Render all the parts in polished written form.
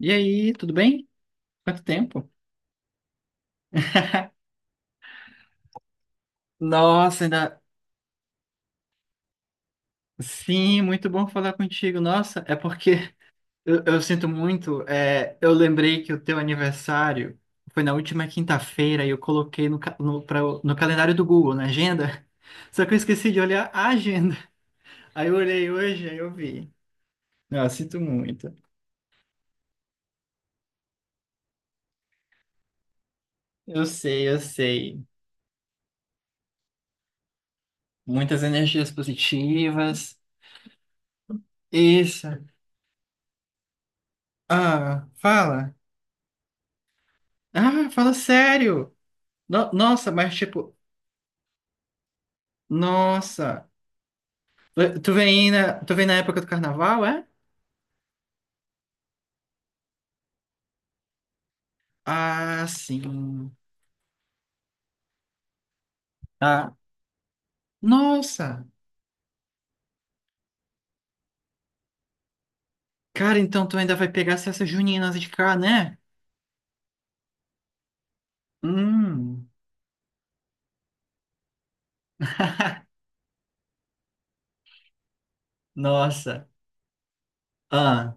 E aí, tudo bem? Quanto tempo? Nossa, ainda. Sim, muito bom falar contigo. Nossa, é porque eu sinto muito. Eu lembrei que o teu aniversário foi na última quinta-feira e eu coloquei no calendário do Google, na agenda. Só que eu esqueci de olhar a agenda. Aí eu olhei hoje, aí eu vi. Não, eu sinto muito. Eu sei. Muitas energias positivas. Isso. Ah, fala. Ah, fala sério. Nossa, mas tipo, nossa! Tu vem na época do carnaval, é? Ah, sim. Ah, nossa! Cara, então tu ainda vai pegar as festas juninas de cá, né? Hum. Nossa. Ah,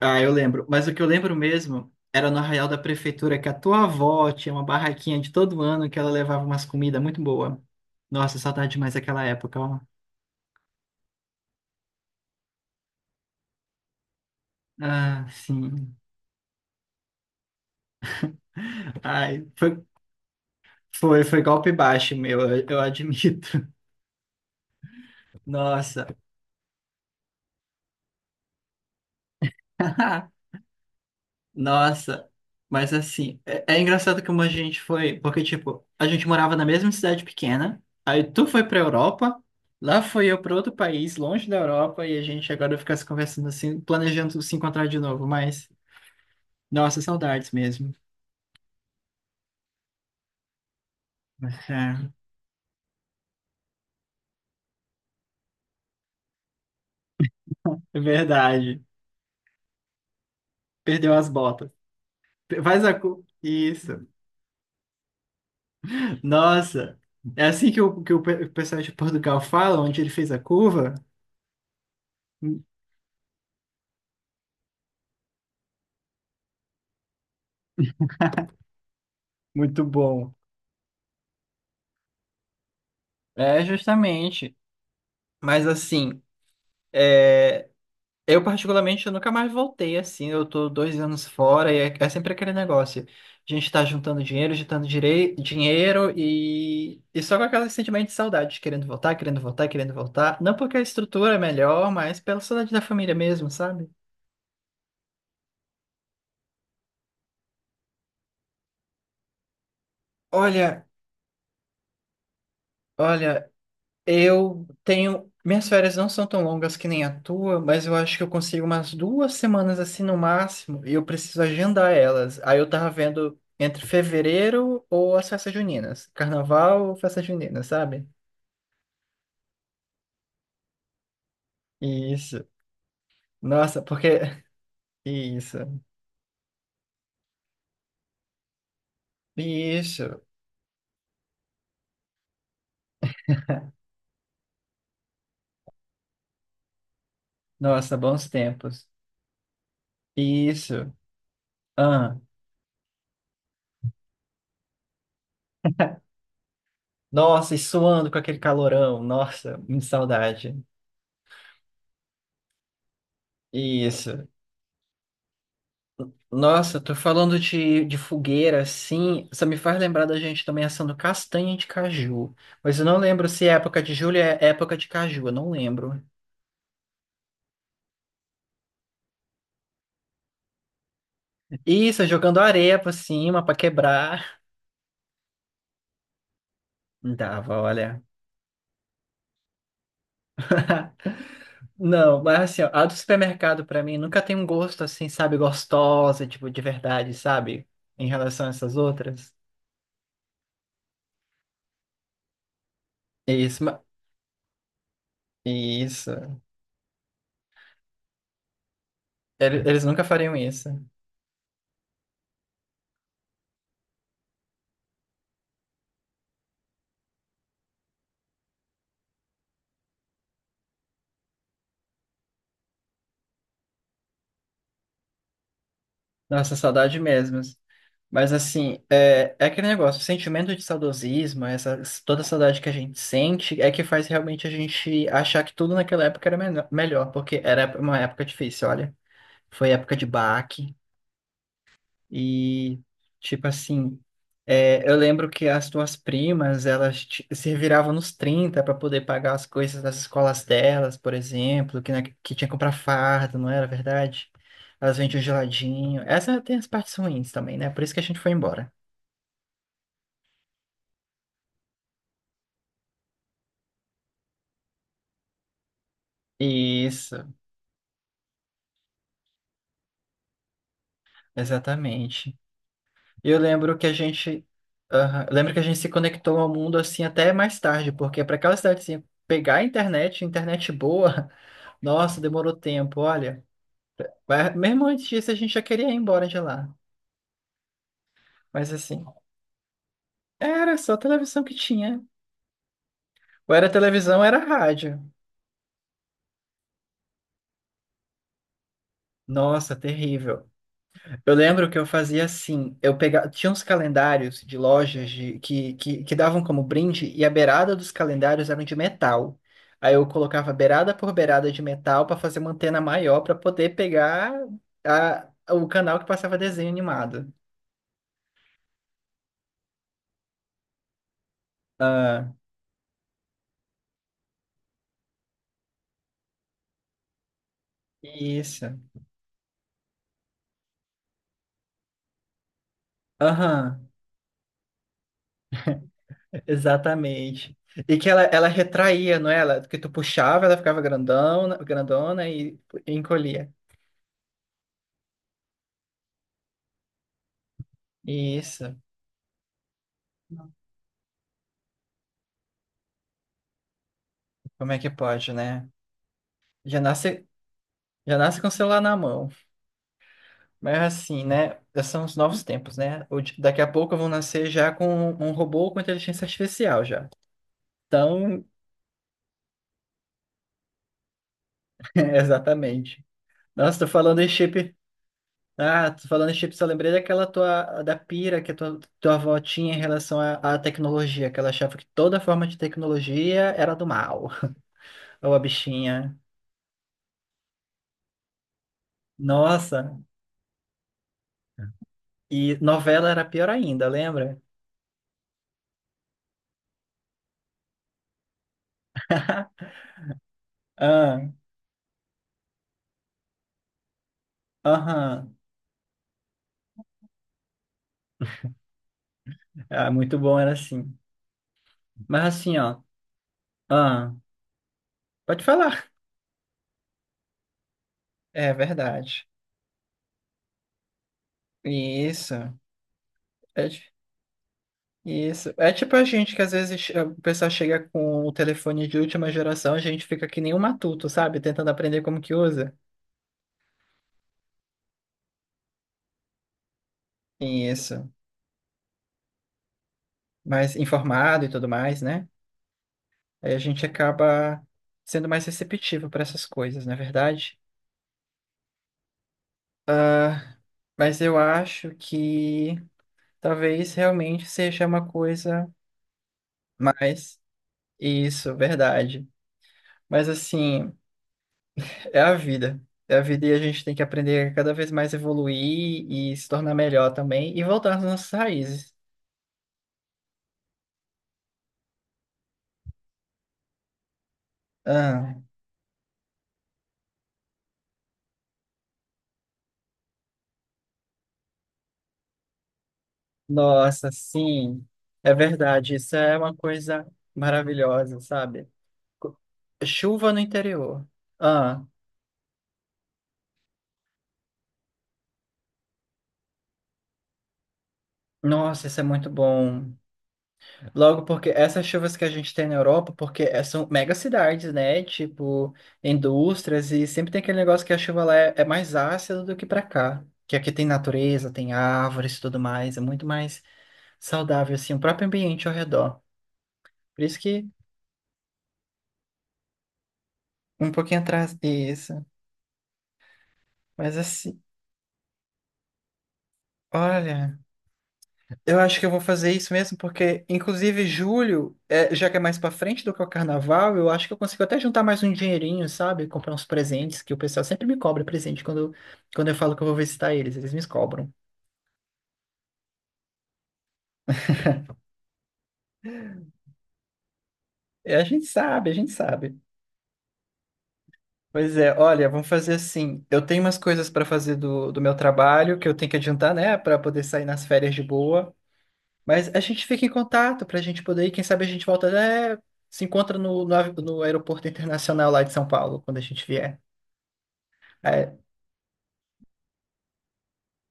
ah, eu lembro. Mas o que eu lembro mesmo era no Arraial da Prefeitura, que a tua avó tinha uma barraquinha de todo ano que ela levava umas comidas muito boas. Nossa, saudade demais daquela época, ó. Ah, sim. Ai, foi golpe baixo, meu, eu admito. Nossa. Nossa, mas assim, é engraçado como a gente foi, porque tipo, a gente morava na mesma cidade pequena, aí tu foi pra Europa, lá fui eu pra outro país, longe da Europa, e a gente agora fica se conversando assim, planejando se encontrar de novo, mas nossa, saudades mesmo. É, é verdade, perdeu as botas. Isso. Nossa, é assim que o pessoal de Portugal fala, onde ele fez a curva? Mu- Muito bom. É, justamente. Mas assim, é, eu particularmente, eu nunca mais voltei assim. Eu tô dois anos fora e é sempre aquele negócio. A gente tá juntando dinheiro, dinheiro e só com aquele sentimento de saudade, querendo voltar, querendo voltar, querendo voltar. Não porque a estrutura é melhor, mas pela saudade da família mesmo, sabe? Olha, olha, eu tenho. Minhas férias não são tão longas que nem a tua, mas eu acho que eu consigo umas duas semanas assim no máximo, e eu preciso agendar elas. Aí eu tava vendo entre fevereiro ou as festas juninas. Carnaval ou festa junina, sabe? Isso. Nossa, porque. Isso. Isso. Nossa, bons tempos. Isso. Ah. Nossa, e suando com aquele calorão. Nossa, muita saudade. Isso. Nossa, tô falando de fogueira, assim, só me faz lembrar da gente também assando castanha de caju. Mas eu não lembro se é época de julho, é época de caju, eu não lembro. Isso, é jogando areia por cima pra quebrar. Dava, olha. Não, mas assim, ó, a do supermercado pra mim nunca tem um gosto assim, sabe, gostosa, tipo, de verdade, sabe? Em relação a essas outras. Isso, ma- isso. Eles nunca fariam isso. Nossa, saudade mesmo. Mas assim, é aquele negócio, o sentimento de saudosismo, essa, toda a saudade que a gente sente, é que faz realmente a gente achar que tudo naquela época era melhor, porque era uma época difícil, olha. Foi época de baque, e tipo assim, eu lembro que as tuas primas, se viravam nos 30 para poder pagar as coisas das escolas delas, por exemplo, que tinha que comprar farda, não era verdade? Elas vendiam geladinho. Essa tem as partes ruins também, né? Por isso que a gente foi embora. Isso, exatamente. Eu lembro que a gente, aham, eu lembro que a gente se conectou ao mundo assim até mais tarde, porque para aquela cidade assim, pegar a internet, internet boa, nossa, demorou tempo, olha. Mas mesmo antes disso a gente já queria ir embora de lá. Mas assim, era só a televisão que tinha. Ou era televisão, ou era rádio. Nossa, terrível. Eu lembro que eu fazia assim, eu pegava, tinha uns calendários de lojas que davam como brinde e a beirada dos calendários eram de metal. Aí eu colocava beirada por beirada de metal para fazer uma antena maior para poder pegar a, o canal que passava desenho animado. Ah, isso. Aham, exatamente. E que ela retraía, não é? Ela, que tu puxava, ela ficava grandona, grandona e encolhia. Isso. Como é que pode, né? Já nasce Já nasce com o celular na mão. Mas assim, né? São os novos tempos, né? Daqui a pouco eu vou nascer já com um robô com inteligência artificial já. Então, é, exatamente. Nossa, tô falando em chip. Ah, tô falando em chip, só lembrei daquela tua, da pira que a tua avó tinha em relação à tecnologia, que ela achava que toda forma de tecnologia era do mal. Ou a bichinha. Nossa, e novela era pior ainda, lembra? Ah, aham. Ah, muito bom era assim. Mas assim, ó. Ah, pode falar. É verdade. Isso. É, ti- isso. É tipo a gente que às vezes o pessoal chega com o telefone de última geração, a gente fica que nem um matuto, sabe? Tentando aprender como que usa. Isso. Mais informado e tudo mais, né? Aí a gente acaba sendo mais receptivo para essas coisas, não é verdade? Ah, mas eu acho que talvez realmente seja uma coisa mais. Isso, verdade. Mas assim. É a vida. É a vida e a gente tem que aprender a cada vez mais evoluir e se tornar melhor também e voltar às nossas raízes. Ah, nossa, sim, é verdade. Isso é uma coisa maravilhosa, sabe? Co- Chuva no interior. Ah, nossa, isso é muito bom. Logo porque essas chuvas que a gente tem na Europa, porque são mega cidades, né? Tipo, indústrias, e sempre tem aquele negócio que a chuva lá é mais ácida do que pra cá. Que aqui tem natureza, tem árvores e tudo mais, é muito mais saudável, assim, o próprio ambiente ao redor. Por isso que um pouquinho atrás disso. Mas assim, olha. Eu acho que eu vou fazer isso mesmo, porque, inclusive, julho, é, já que é mais pra frente do que o carnaval, eu acho que eu consigo até juntar mais um dinheirinho, sabe? Comprar uns presentes, que o pessoal sempre me cobra presente quando eu falo que eu vou visitar eles, eles me cobram. É, a gente sabe. Pois é, olha, vamos fazer assim. Eu tenho umas coisas pra fazer do meu trabalho que eu tenho que adiantar, né, pra poder sair nas férias de boa. Mas a gente fica em contato pra gente poder ir, quem sabe a gente volta, né, se encontra no aeroporto internacional lá de São Paulo, quando a gente vier. É,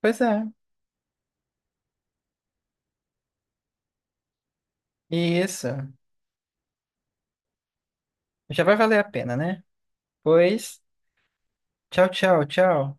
Pois é, isso. Já vai valer a pena, né? Pois, tchau.